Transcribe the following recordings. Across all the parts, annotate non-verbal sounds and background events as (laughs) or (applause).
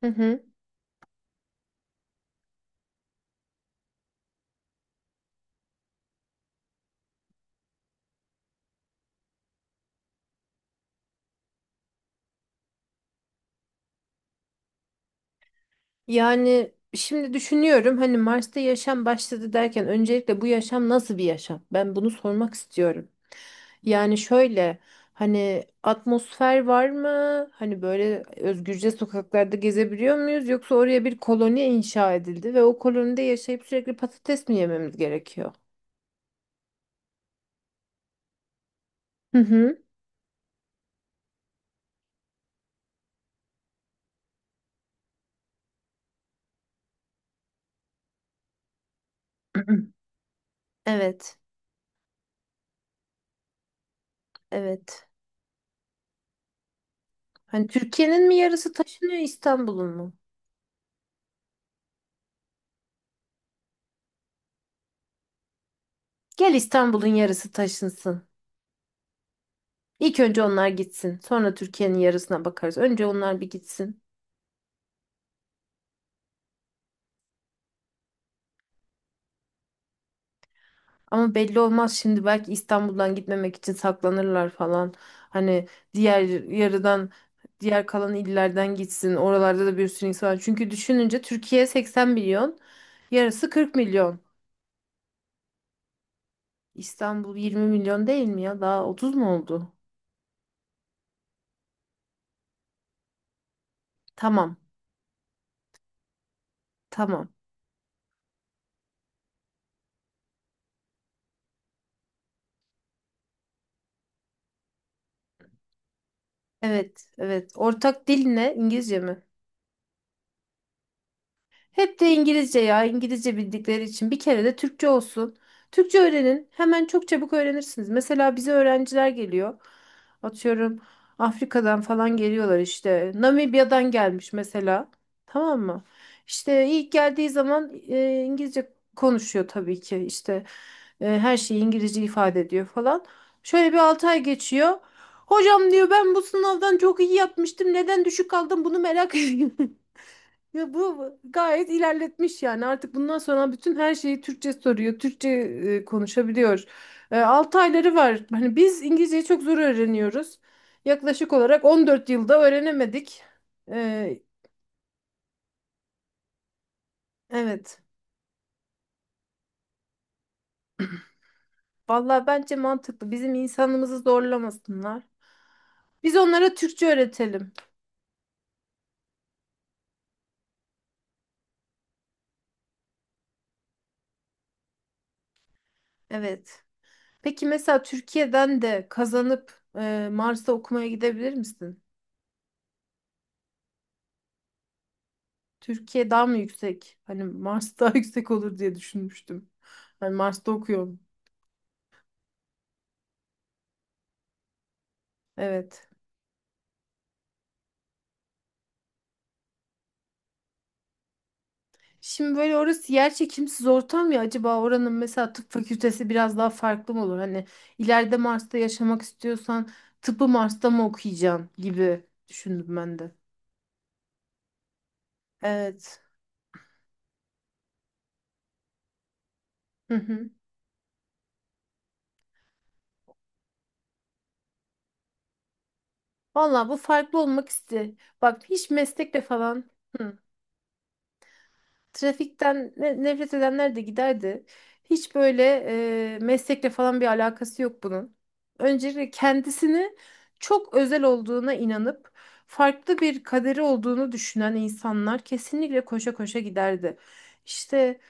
Hı hı. Yani şimdi düşünüyorum hani Mars'ta yaşam başladı derken öncelikle bu yaşam nasıl bir yaşam? Ben bunu sormak istiyorum. Yani şöyle hani atmosfer var mı? Hani böyle özgürce sokaklarda gezebiliyor muyuz? Yoksa oraya bir koloni inşa edildi ve o kolonide yaşayıp sürekli patates mi yememiz gerekiyor? Hı hı. (clears throat) Evet, evet. Hani Türkiye'nin mi yarısı taşınıyor İstanbul'un mu? Gel İstanbul'un yarısı taşınsın. İlk önce onlar gitsin. Sonra Türkiye'nin yarısına bakarız. Önce onlar bir gitsin. Ama belli olmaz şimdi belki İstanbul'dan gitmemek için saklanırlar falan. Hani diğer yarıdan diğer kalan illerden gitsin. Oralarda da bir sürü insan var. Çünkü düşününce Türkiye 80 milyon, yarısı 40 milyon. İstanbul 20 milyon değil mi ya? Daha 30 mu oldu? Tamam. Tamam. Evet, evet. Ortak dil ne? İngilizce mi? Hep de İngilizce ya, İngilizce bildikleri için bir kere de Türkçe olsun. Türkçe öğrenin, hemen çok çabuk öğrenirsiniz. Mesela bize öğrenciler geliyor. Atıyorum Afrika'dan falan geliyorlar işte. Namibya'dan gelmiş mesela. Tamam mı? İşte ilk geldiği zaman İngilizce konuşuyor tabii ki. İşte her şeyi İngilizce ifade ediyor falan. Şöyle bir 6 ay geçiyor. Hocam diyor ben bu sınavdan çok iyi yapmıştım. Neden düşük aldım bunu merak ediyorum. (laughs) Ya bu gayet ilerletmiş yani artık bundan sonra bütün her şeyi Türkçe soruyor, Türkçe konuşabiliyor. 6 ayları var. Hani biz İngilizceyi çok zor öğreniyoruz. Yaklaşık olarak 14 yılda öğrenemedik. E, evet. Vallahi bence mantıklı. Bizim insanımızı zorlamasınlar. Biz onlara Türkçe öğretelim. Evet. Peki mesela Türkiye'den de kazanıp Mars'ta okumaya gidebilir misin? Türkiye daha mı yüksek? Hani Mars daha (laughs) yüksek olur diye düşünmüştüm. Hani Mars'ta okuyorum. Evet. Şimdi böyle orası yer çekimsiz ortam ya acaba oranın mesela tıp fakültesi biraz daha farklı mı olur? Hani ileride Mars'ta yaşamak istiyorsan tıpı Mars'ta mı okuyacaksın gibi düşündüm ben de. Evet. Hı hı. Vallahi bu farklı olmak iste. Bak hiç meslekle falan. Hı. Trafikten nefret edenler de giderdi. Hiç böyle meslekle falan bir alakası yok bunun. Öncelikle kendisini çok özel olduğuna inanıp farklı bir kaderi olduğunu düşünen insanlar kesinlikle koşa koşa giderdi. İşte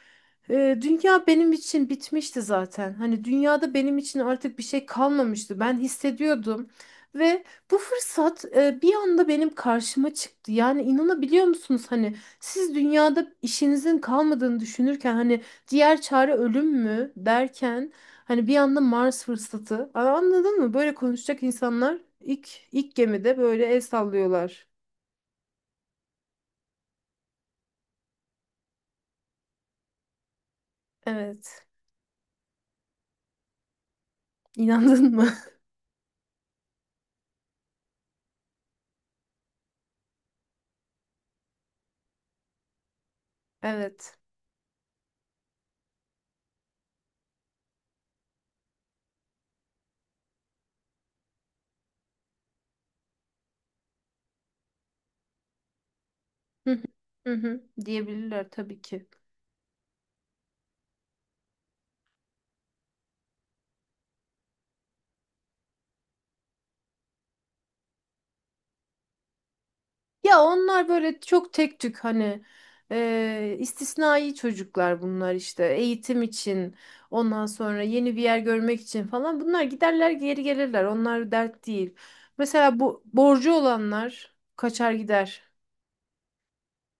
dünya benim için bitmişti zaten. Hani dünyada benim için artık bir şey kalmamıştı. Ben hissediyordum. Ve bu fırsat bir anda benim karşıma çıktı. Yani inanabiliyor musunuz? Hani siz dünyada işinizin kalmadığını düşünürken hani diğer çare ölüm mü derken hani bir anda Mars fırsatı. Aa, anladın mı? Böyle konuşacak insanlar ilk gemide böyle el sallıyorlar. Evet. İnandın mı? (laughs) Evet. Hı hı. Hı hı. Diyebilirler tabii ki. Ya onlar böyle çok tek tük hani istisnai çocuklar bunlar işte eğitim için ondan sonra yeni bir yer görmek için falan bunlar giderler geri gelirler onlar dert değil. Mesela bu borcu olanlar kaçar gider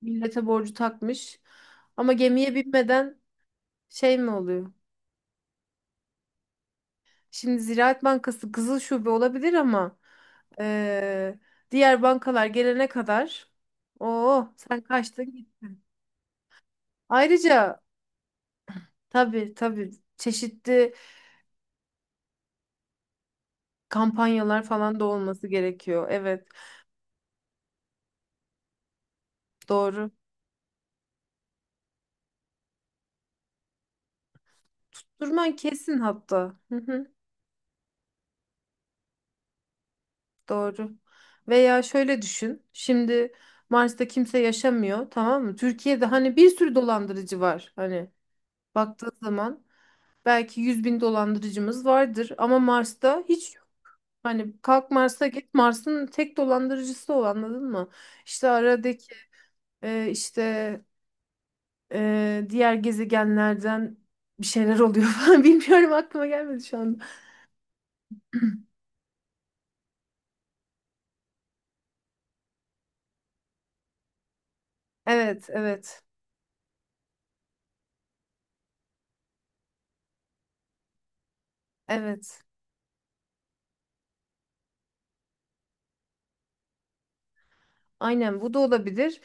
millete borcu takmış ama gemiye binmeden şey mi oluyor? Şimdi Ziraat Bankası kızıl şube olabilir ama e, diğer bankalar gelene kadar o sen kaçtın gittin. Ayrıca. Tabii, tabii, çeşitli kampanyalar falan da olması gerekiyor. Evet, doğru. Tutturman kesin hatta. Hı hı, doğru. Veya şöyle düşün. Şimdi Mars'ta kimse yaşamıyor tamam mı? Türkiye'de hani bir sürü dolandırıcı var. Hani baktığın zaman belki 100.000 dolandırıcımız vardır ama Mars'ta hiç yok. Hani kalk Mars'a git Mars'ın tek dolandırıcısı o anladın mı? İşte aradaki işte diğer gezegenlerden bir şeyler oluyor (laughs) falan bilmiyorum aklıma gelmedi şu anda. Evet, evet, evet. Aynen bu da olabilir.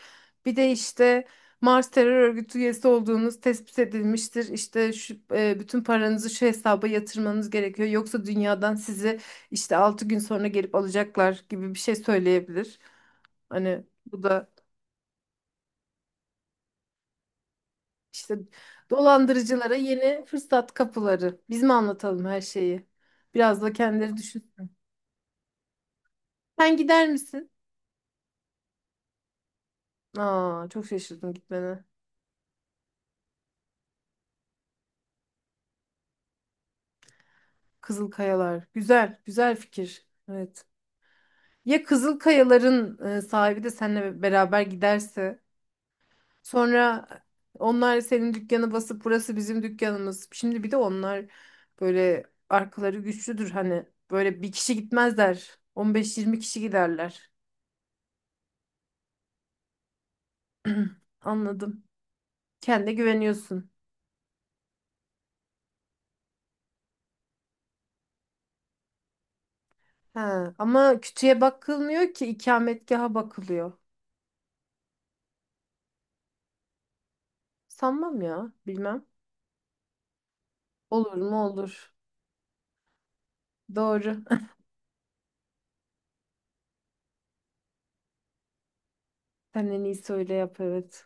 Bir de işte Mars terör örgütü üyesi olduğunuz tespit edilmiştir. İşte şu, bütün paranızı şu hesaba yatırmanız gerekiyor. Yoksa dünyadan sizi işte 6 gün sonra gelip alacaklar gibi bir şey söyleyebilir. Hani bu da işte dolandırıcılara yeni fırsat kapıları. Biz mi anlatalım her şeyi? Biraz da kendileri düşün. Sen gider misin? Aa, çok şaşırdım gitmene. Kızıl Kayalar. Güzel, güzel fikir. Evet. Ya Kızıl Kayaların sahibi de seninle beraber giderse, sonra onlar senin dükkanı basıp burası bizim dükkanımız. Şimdi bir de onlar böyle arkaları güçlüdür hani. Böyle bir kişi gitmezler. 15-20 kişi giderler. Anladım. Kendine güveniyorsun. Ha, ama kütüğe bakılmıyor ki ikametgaha bakılıyor. Sanmam ya, bilmem. Olur mu olur. Doğru. (laughs) Sen en iyisi öyle yap, evet.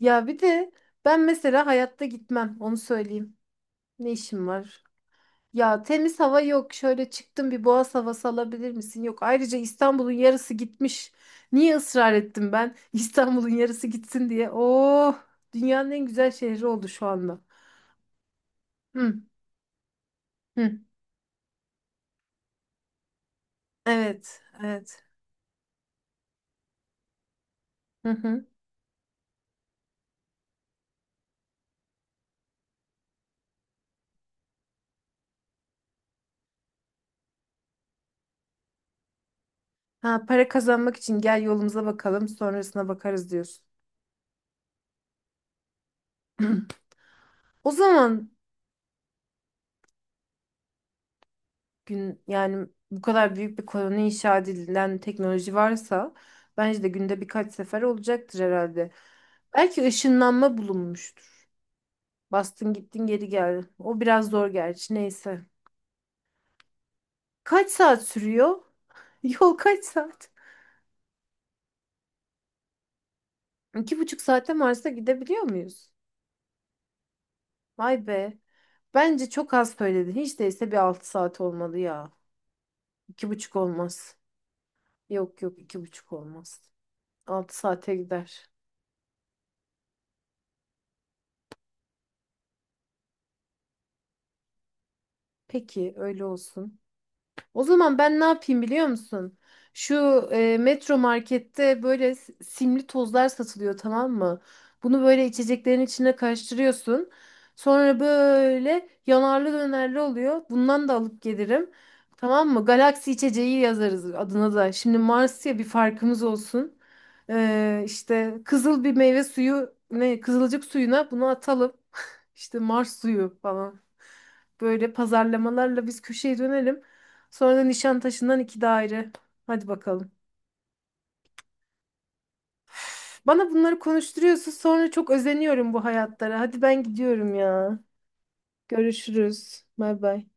Ya bir de ben mesela hayatta gitmem onu söyleyeyim. Ne işim var? Ya temiz hava yok. Şöyle çıktım bir boğaz havası alabilir misin? Yok. Ayrıca İstanbul'un yarısı gitmiş. Niye ısrar ettim ben? (laughs) İstanbul'un yarısı gitsin diye. Oh, dünyanın en güzel şehri oldu şu anda. Hı, hı. Evet, evet. Hı hı. Ha, para kazanmak için gel yolumuza bakalım, sonrasına bakarız diyorsun. (clears throat) O zaman gün yani bu kadar büyük bir koloni inşa edilen teknoloji varsa bence de günde birkaç sefer olacaktır herhalde. Belki ışınlanma bulunmuştur. Bastın gittin geri geldin. O biraz zor gerçi neyse. Kaç saat sürüyor? (laughs) Yol kaç saat? 2,5 saate Mars'a gidebiliyor muyuz? Vay be. Bence çok az söyledin. Hiç değilse bir 6 saat olmalı ya. İki buçuk olmaz. Yok yok, iki buçuk olmaz. 6 saate gider. Peki öyle olsun. O zaman ben ne yapayım biliyor musun? Şu Metro Market'te böyle simli tozlar satılıyor tamam mı? Bunu böyle içeceklerin içine karıştırıyorsun. Sonra böyle yanarlı dönerli oluyor. Bundan da alıp gelirim. Tamam mı? Galaksi içeceği yazarız adına da. Şimdi Mars ya, bir farkımız olsun. İşte kızıl bir meyve suyu, ne kızılcık suyuna bunu atalım. (laughs) İşte Mars suyu falan. Böyle pazarlamalarla biz köşeye dönelim. Sonra da Nişantaşı'ndan iki daire. Hadi bakalım. Bana bunları konuşturuyorsun sonra çok özeniyorum bu hayatlara. Hadi ben gidiyorum ya. Görüşürüz. Bay bay.